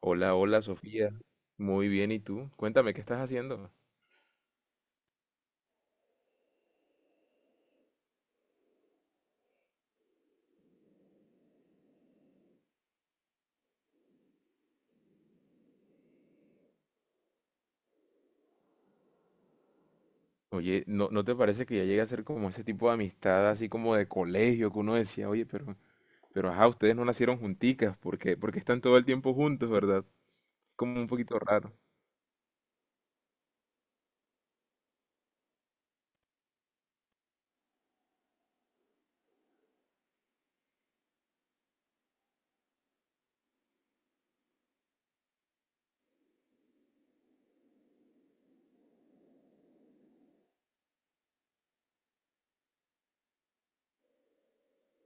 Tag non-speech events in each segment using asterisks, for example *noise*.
Hola, hola Sofía. Muy bien, ¿y tú? Cuéntame, ¿qué estás haciendo? Oye, ¿no te parece que ya llega a ser como ese tipo de amistad, así como de colegio, que uno decía, oye, pero ajá, ustedes no nacieron junticas, porque están todo el tiempo juntos, ¿verdad? Como un poquito raro.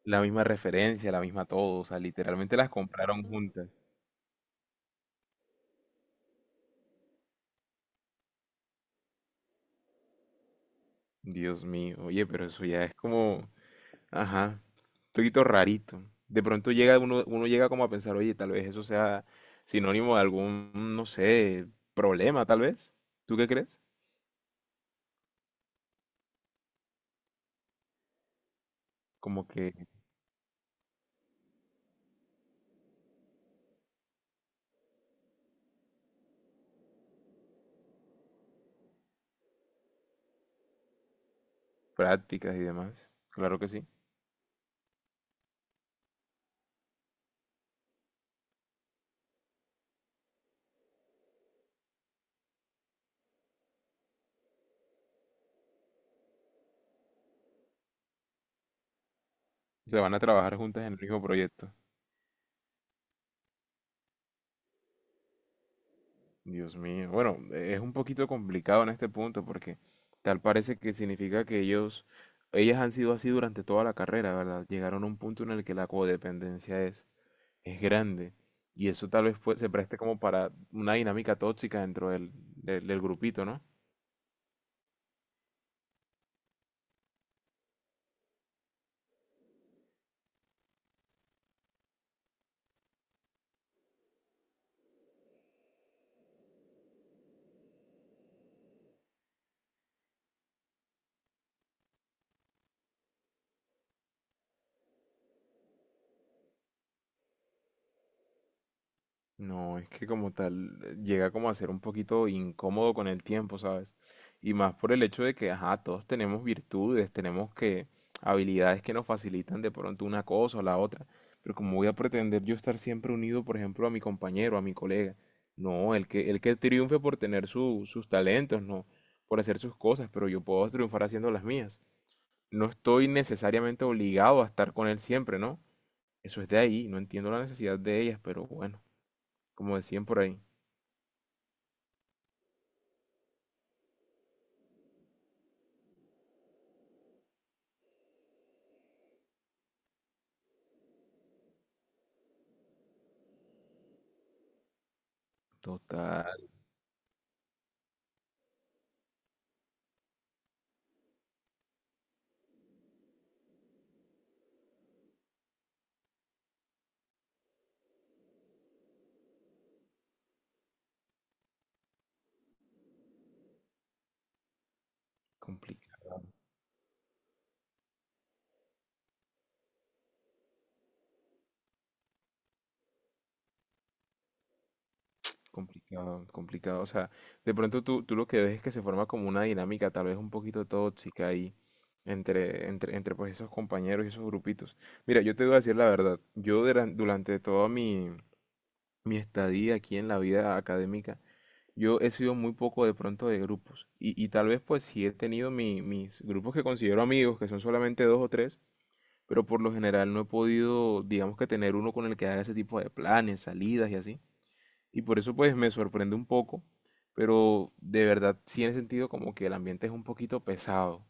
La misma referencia, la misma todo, o sea, literalmente las compraron juntas. Dios mío, oye, pero eso ya es como, ajá, un poquito rarito. De pronto llega uno, uno llega como a pensar, oye, tal vez eso sea sinónimo de algún, no sé, problema, tal vez. ¿Tú qué crees? Como que prácticas y demás. Claro que sí. Se van a trabajar juntas en el mismo proyecto. Dios mío. Bueno, es un poquito complicado en este punto porque tal parece que significa que ellas han sido así durante toda la carrera, ¿verdad? Llegaron a un punto en el que la codependencia es grande. Y eso tal vez se preste como para una dinámica tóxica dentro del grupito, ¿no? No, es que como tal llega como a ser un poquito incómodo con el tiempo, ¿sabes? Y más por el hecho de que, ajá, todos tenemos virtudes, tenemos que habilidades que nos facilitan de pronto una cosa o la otra. Pero como voy a pretender yo estar siempre unido, por ejemplo, a mi compañero, a mi colega. No, el que triunfe por tener sus talentos, no, por hacer sus cosas, pero yo puedo triunfar haciendo las mías. No estoy necesariamente obligado a estar con él siempre, ¿no? Eso es de ahí, no entiendo la necesidad de ellas, pero bueno, como decían por ahí, total, complicado, complicado. O sea, de pronto tú lo que ves es que se forma como una dinámica tal vez un poquito tóxica ahí entre pues esos compañeros y esos grupitos. Mira, yo te voy a decir la verdad, yo durante toda mi, mi estadía aquí en la vida académica, yo he sido muy poco de pronto de grupos y tal vez pues sí he tenido mis grupos que considero amigos, que son solamente dos o tres, pero por lo general no he podido, digamos que tener uno con el que haga ese tipo de planes, salidas y así. Y por eso pues me sorprende un poco, pero de verdad sí he sentido como que el ambiente es un poquito pesado,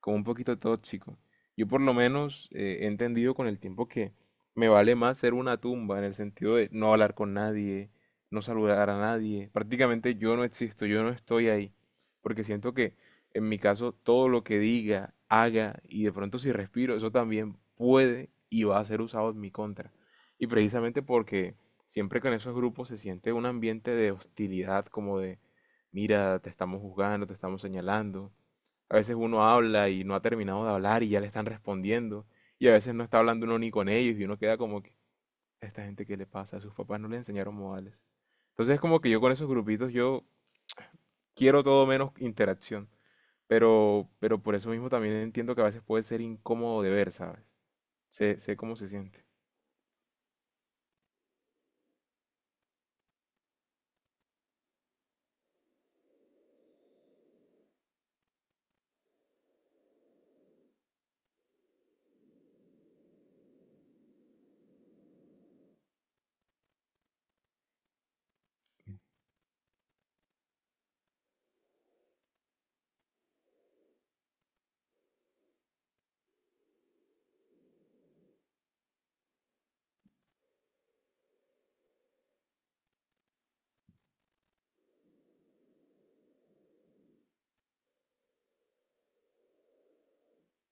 como un poquito tóxico. Yo por lo menos he entendido con el tiempo que me vale más ser una tumba en el sentido de no hablar con nadie, no saludar a nadie. Prácticamente yo no existo, yo no estoy ahí, porque siento que en mi caso todo lo que diga, haga y de pronto si respiro, eso también puede y va a ser usado en mi contra. Y precisamente porque siempre que en esos grupos se siente un ambiente de hostilidad, como de, mira, te estamos juzgando, te estamos señalando. A veces uno habla y no ha terminado de hablar y ya le están respondiendo. Y a veces no está hablando uno ni con ellos y uno queda como que, "¿A esta gente qué le pasa, a sus papás no le enseñaron modales?" Entonces es como que yo con esos grupitos yo quiero todo menos interacción. Pero por eso mismo también entiendo que a veces puede ser incómodo de ver, ¿sabes? Sé cómo se siente.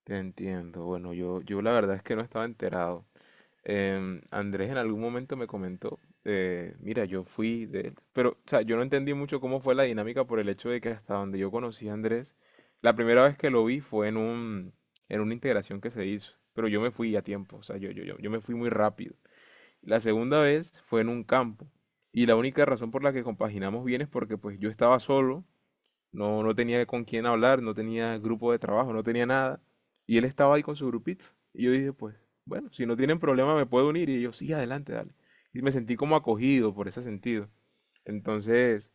Te entiendo. Bueno, yo la verdad es que no estaba enterado. Andrés en algún momento me comentó, mira, yo fui de él, pero, o sea, yo no entendí mucho cómo fue la dinámica por el hecho de que hasta donde yo conocí a Andrés, la primera vez que lo vi fue en un, en una integración que se hizo, pero yo me fui a tiempo, o sea, yo me fui muy rápido. La segunda vez fue en un campo, y la única razón por la que compaginamos bien es porque pues yo estaba solo, no tenía con quién hablar, no tenía grupo de trabajo, no tenía nada. Y él estaba ahí con su grupito. Y yo dije, pues, bueno, si no tienen problema me puedo unir. Y ellos, sí, adelante, dale. Y me sentí como acogido por ese sentido. Entonces,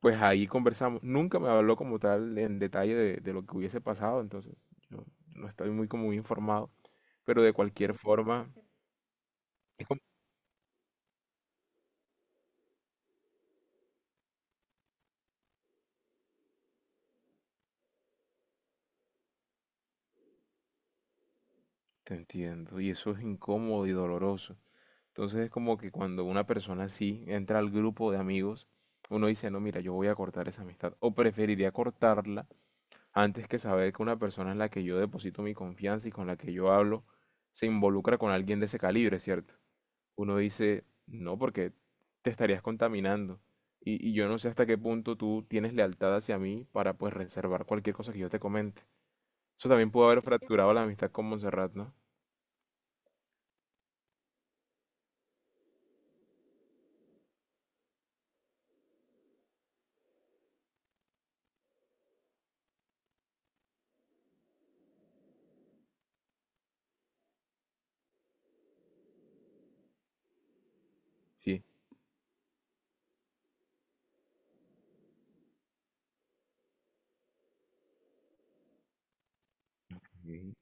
pues ahí conversamos. Nunca me habló como tal en detalle de lo que hubiese pasado. Entonces, yo no estoy muy informado. Pero de cualquier forma, es como- te entiendo. Y eso es incómodo y doloroso. Entonces es como que cuando una persona así entra al grupo de amigos, uno dice, no, mira, yo voy a cortar esa amistad. O preferiría cortarla antes que saber que una persona en la que yo deposito mi confianza y con la que yo hablo se involucra con alguien de ese calibre, ¿cierto? Uno dice, no, porque te estarías contaminando. Y yo no sé hasta qué punto tú tienes lealtad hacia mí para pues reservar cualquier cosa que yo te comente. Eso también pudo haber fracturado la amistad con Montserrat, ¿no? Sí. Ok.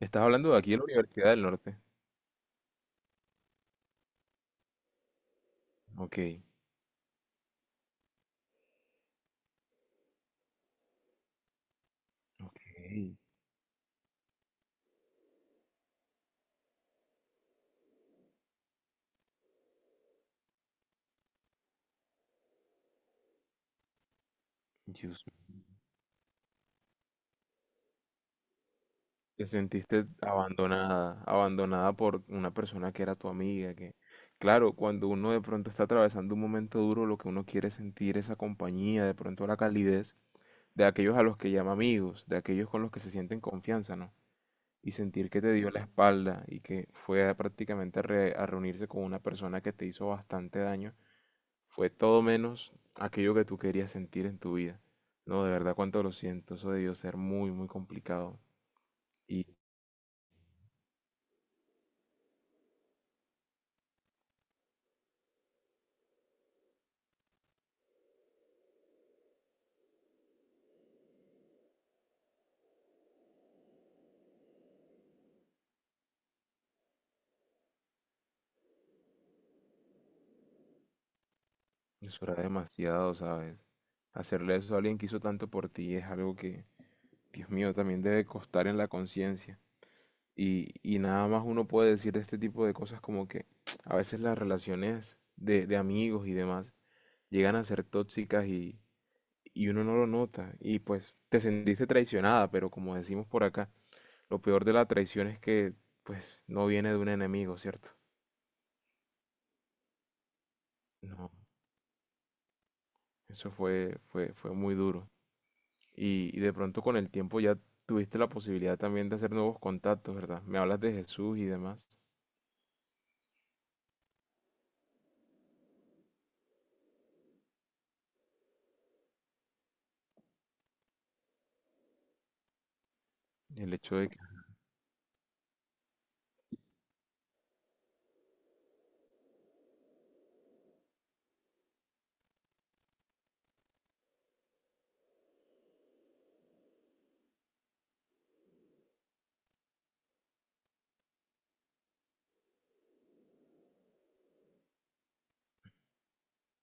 Estás hablando de aquí en la Universidad del Norte. Ok. Ey, Dios mío. Te sentiste abandonada, abandonada por una persona que era tu amiga, que, claro, cuando uno de pronto está atravesando un momento duro, lo que uno quiere es sentir esa compañía, de pronto la calidez de aquellos a los que llama amigos, de aquellos con los que se sienten confianza, ¿no? Y sentir que te dio la espalda y que fue a prácticamente a reunirse con una persona que te hizo bastante daño, fue todo menos aquello que tú querías sentir en tu vida. No, de verdad, cuánto lo siento, eso debió ser muy, muy complicado. Y eso era demasiado, ¿sabes? Hacerle eso a alguien que hizo tanto por ti es algo que, Dios mío, también debe costar en la conciencia. Y nada más uno puede decir de este tipo de cosas como que *tsk* a veces las relaciones de amigos y demás llegan a ser tóxicas y uno no lo nota. Y pues te sentiste traicionada, pero como decimos por acá, lo peor de la traición es que pues no viene de un enemigo, ¿cierto? No, eso fue muy duro. Y de pronto con el tiempo ya tuviste la posibilidad también de hacer nuevos contactos, ¿verdad? Me hablas de Jesús y demás. El hecho de que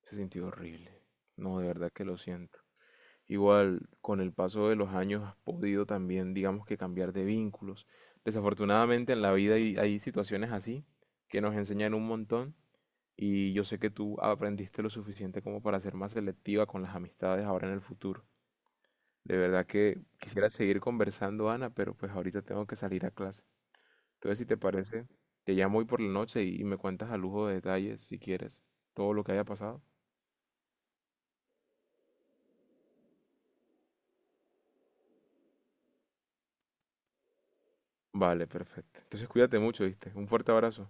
se sintió horrible. No, de verdad que lo siento. Igual, con el paso de los años has podido también, digamos que cambiar de vínculos. Desafortunadamente en la vida hay situaciones así que nos enseñan un montón y yo sé que tú aprendiste lo suficiente como para ser más selectiva con las amistades ahora en el futuro. De verdad que quisiera seguir conversando, Ana, pero pues ahorita tengo que salir a clase. Entonces, si te parece, te llamo hoy por la noche y me cuentas a lujo de detalles, si quieres, todo lo que haya pasado. Vale, perfecto. Entonces, cuídate mucho, ¿viste? Un fuerte abrazo.